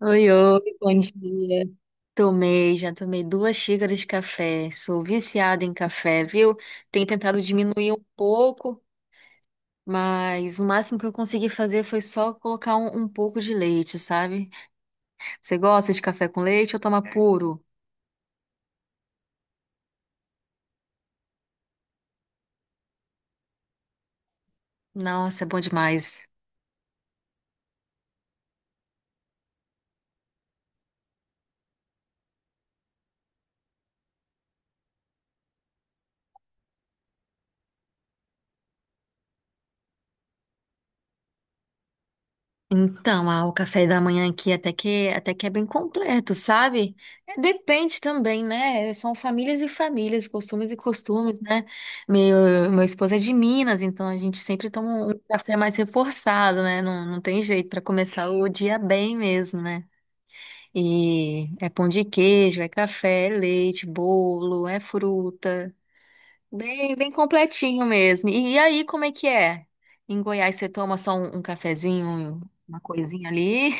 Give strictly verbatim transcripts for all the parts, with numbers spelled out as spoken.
Oi, oi, bom dia. Tomei, já tomei duas xícaras de café. Sou viciada em café, viu? Tenho tentado diminuir um pouco, mas o máximo que eu consegui fazer foi só colocar um, um pouco de leite, sabe? Você gosta de café com leite ou toma puro? Nossa, é bom demais. Então, ah, o café da manhã aqui até que até que é bem completo, sabe? É, depende também, né? São famílias e famílias, costumes e costumes, né? Meu, meu esposo é de Minas, então a gente sempre toma um café mais reforçado, né? Não, não tem jeito para começar o dia bem mesmo, né? E é pão de queijo, é café, é leite, bolo, é fruta, bem bem completinho mesmo. E, e aí, como é que é? Em Goiás, você toma só um, um cafezinho? Uma coisinha ali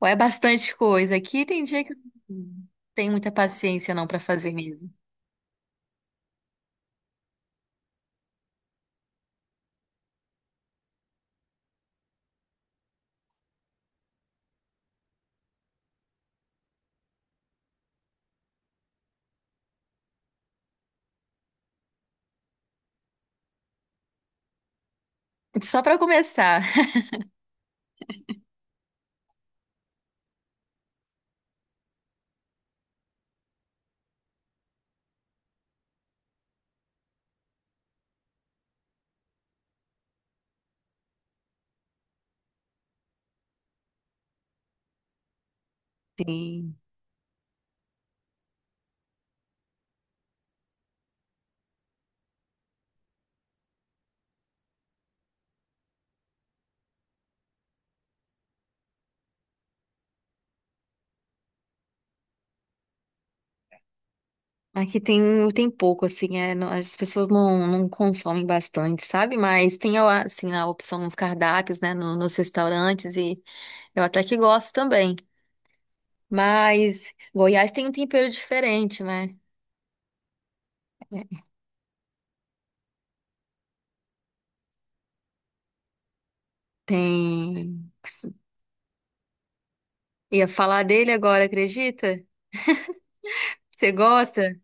ou é bastante coisa. Aqui tem dia que eu não tenho muita paciência não para fazer mesmo. Só para começar. Sim. Aqui tem, tem pouco, assim, é, não- as pessoas não, não consomem bastante, sabe? Mas tem, a- assim, a opção nos cardápios, né, no- nos restaurantes, e eu até que gosto também. Mas Goiás tem um tempero diferente, né? É, tem. Ia falar dele agora, acredita? Você gosta?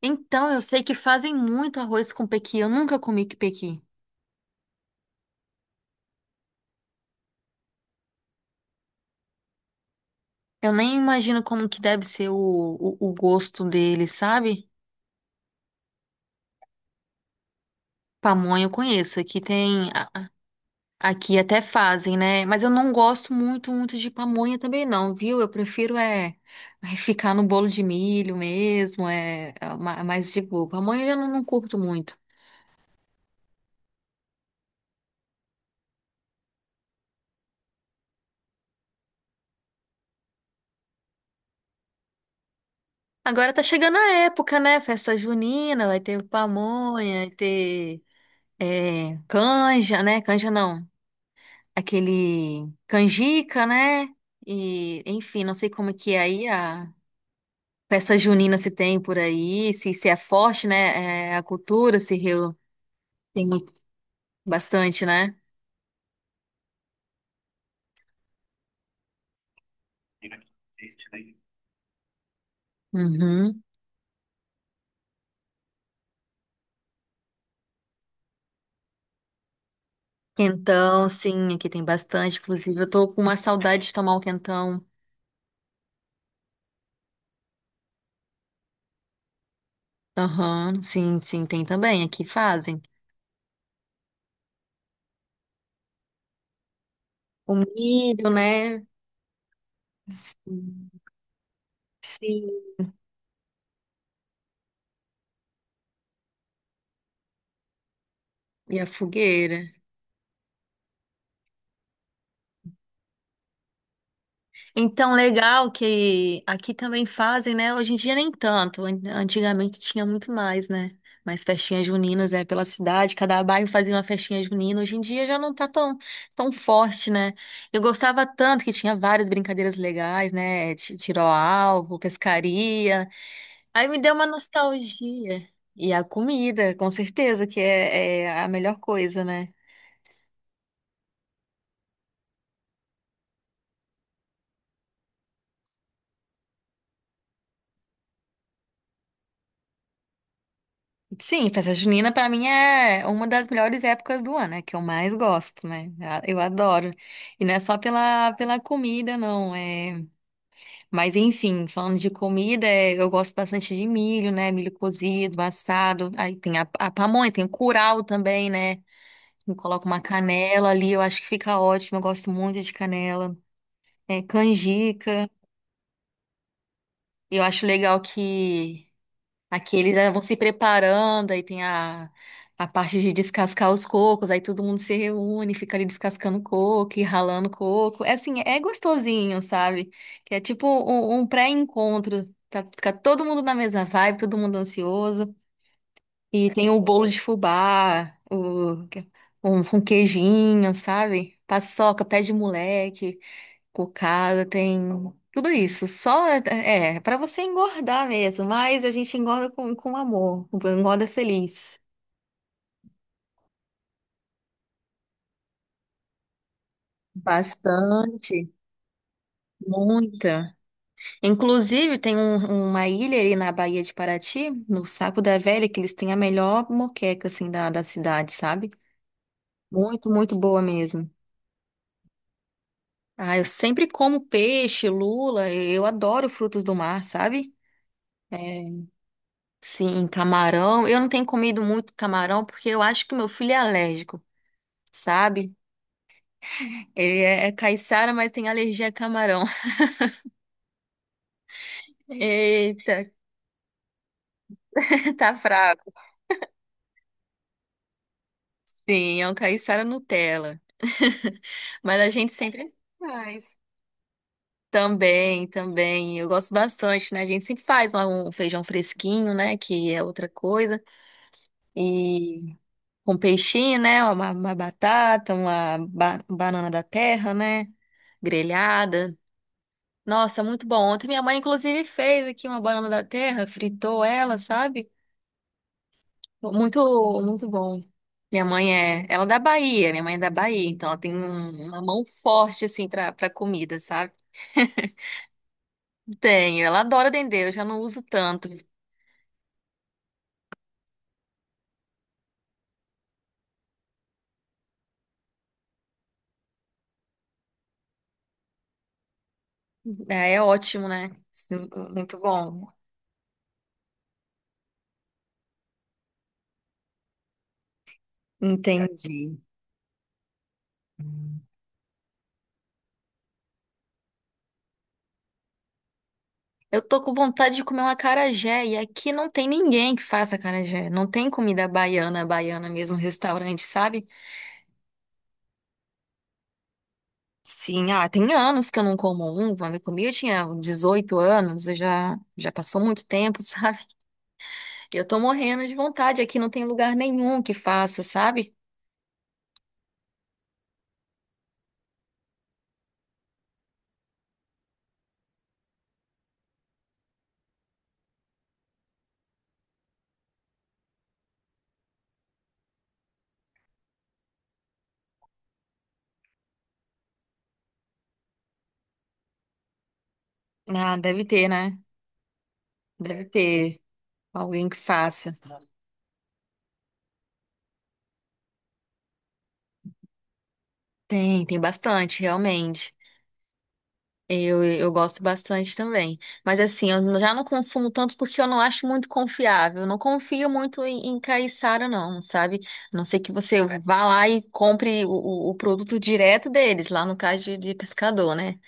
Então, eu sei que fazem muito arroz com pequi. Eu nunca comi que pequi. Eu nem imagino como que deve ser o, o, o gosto dele, sabe? Pamonha eu conheço. Aqui tem. a- a- Aqui até fazem, né? Mas eu não gosto muito, muito de pamonha também, não, viu? Eu prefiro é, é ficar no bolo de milho mesmo. É, é ma- é mais de boa. Pamonha eu já não, não curto muito. Agora tá chegando a época, né? Festa junina, vai ter pamonha, vai ter é, canja, né? Canja não. Aquele canjica, né? E, enfim, não sei como é que é aí a festa junina se tem por aí, se, se é forte, né? É, a cultura se Rio tem muito- bastante, né? Uhum. Quentão, sim, aqui tem bastante. Inclusive, eu tô com uma saudade de tomar um quentão. Aham, sim, sim, tem também, aqui fazem. O milho, né? Sim, sim. E a fogueira. Então, legal que aqui também fazem, né? Hoje em dia nem tanto. An- Antigamente tinha muito mais, né? Mais festinhas juninas, é, pela cidade. Cada bairro fazia uma festinha junina. Hoje em dia já não tá tão, tão forte, né? Eu gostava tanto que tinha várias brincadeiras legais, né? Ti- Tiro ao alvo, pescaria. Aí me deu uma nostalgia. E a comida, com certeza, que é, é a melhor coisa, né? Sim, festa junina pra mim é uma das melhores épocas do ano, é que eu mais gosto, né? A- Eu adoro. E não é só pela, pela comida, não. É. Mas enfim, falando de comida, é, eu gosto bastante de milho, né? Milho cozido, assado. Aí tem a, a pamonha, tem o curau também, né? Eu coloco uma canela ali, eu acho que fica ótimo. Eu gosto muito de canela. É, canjica. Eu acho legal que aqui eles já vão se preparando, aí tem a, a parte de descascar os cocos, aí todo mundo se reúne, fica ali descascando coco e ralando coco. É assim, é gostosinho, sabe? Que é tipo um, um pré-encontro. Tá, fica todo mundo na mesma vibe, todo mundo ansioso. E tem o bolo de fubá, o, um, um queijinho, sabe? Paçoca, pé de moleque, cocada, tem tudo isso. Só é para você engordar mesmo, mas a gente engorda com, com amor, engorda feliz. Bastante, muita. Inclusive, tem um- uma ilha ali na Baía de Paraty, no Saco da Velha, que eles têm a melhor moqueca, assim, da, da cidade, sabe? Muito, muito boa mesmo. Ah, eu sempre como peixe, lula, eu adoro frutos do mar, sabe? É, sim, camarão. Eu não tenho comido muito camarão porque eu acho que meu filho é alérgico, sabe? Ele é é caiçara, mas tem alergia a camarão. Eita, tá fraco. Sim, é um caiçara Nutella. Mas a gente sempre faz. Também, também. Eu gosto bastante, né? A gente sempre faz lá um feijão fresquinho, né? Que é outra coisa. E com peixinho, né? Uma, uma batata, uma ba- banana da terra, né? Grelhada. Nossa, muito bom. Ontem minha mãe, inclusive, fez aqui uma banana da terra, fritou ela, sabe? Muito, muito bom. Minha mãe é, ela é da Bahia, minha mãe é da Bahia, então ela tem um- uma mão forte, assim, pra, pra comida, sabe? Tenho, ela adora dendê, eu já não uso tanto. É, é ótimo, né? Sim, muito bom. Entendi. Eu tô com vontade de comer um acarajé e aqui não tem ninguém que faça acarajé. Não tem comida baiana, baiana mesmo, restaurante, sabe? Sim, ah, tem anos que eu não como um. Quando eu comi, eu tinha dezoito anos, eu já, já passou muito tempo, sabe? Eu tô morrendo de vontade. Aqui não tem lugar nenhum que faça, sabe? Ah, deve ter, né? Deve ter alguém que faça. Tem, tem bastante, realmente. Eu, eu gosto bastante também. Mas assim, eu já não consumo tanto porque eu não acho muito confiável. Eu não confio muito em, em caiçara, não, sabe? A não ser que você vá lá e compre o, o- o produto direto deles, lá no caso de, de pescador, né?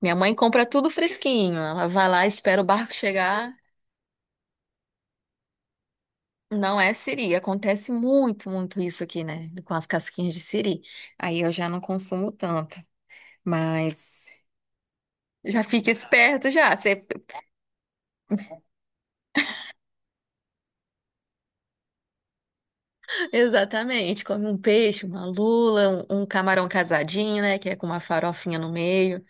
Minha mãe compra tudo fresquinho. Ela vai lá, espera o barco chegar. Não é siri. Acontece muito, muito isso aqui, né? Com as casquinhas de siri. Aí eu já não consumo tanto. Mas já fica esperto já. Exatamente, come um peixe, uma lula, um, um camarão casadinho, né, que é com uma farofinha no meio.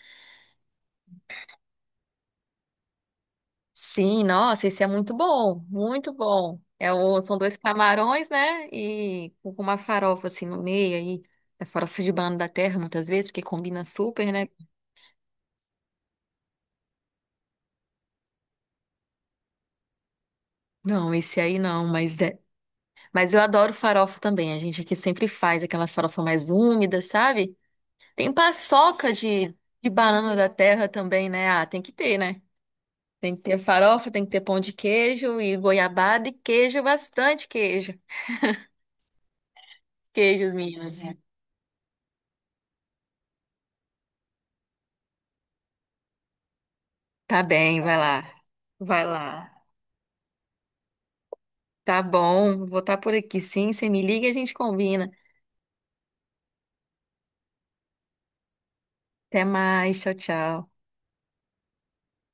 Sim, nossa, esse é muito bom, muito bom. É o, são dois camarões, né, e com uma farofa assim no meio, aí, é farofa de banana da terra muitas vezes, porque combina super, né? Não, esse aí não, mas é, mas eu adoro farofa também. A gente aqui sempre faz aquela farofa mais úmida, sabe? Tem paçoca de, de banana da terra também, né? Ah, tem que ter, né? Tem que ter farofa, tem que ter pão de queijo e goiabada e queijo, bastante queijo. Queijo, Minas. Tá bem, vai lá. Vai lá. Tá bom, vou estar por aqui sim. Você me liga e a gente combina. Até mais, tchau, tchau.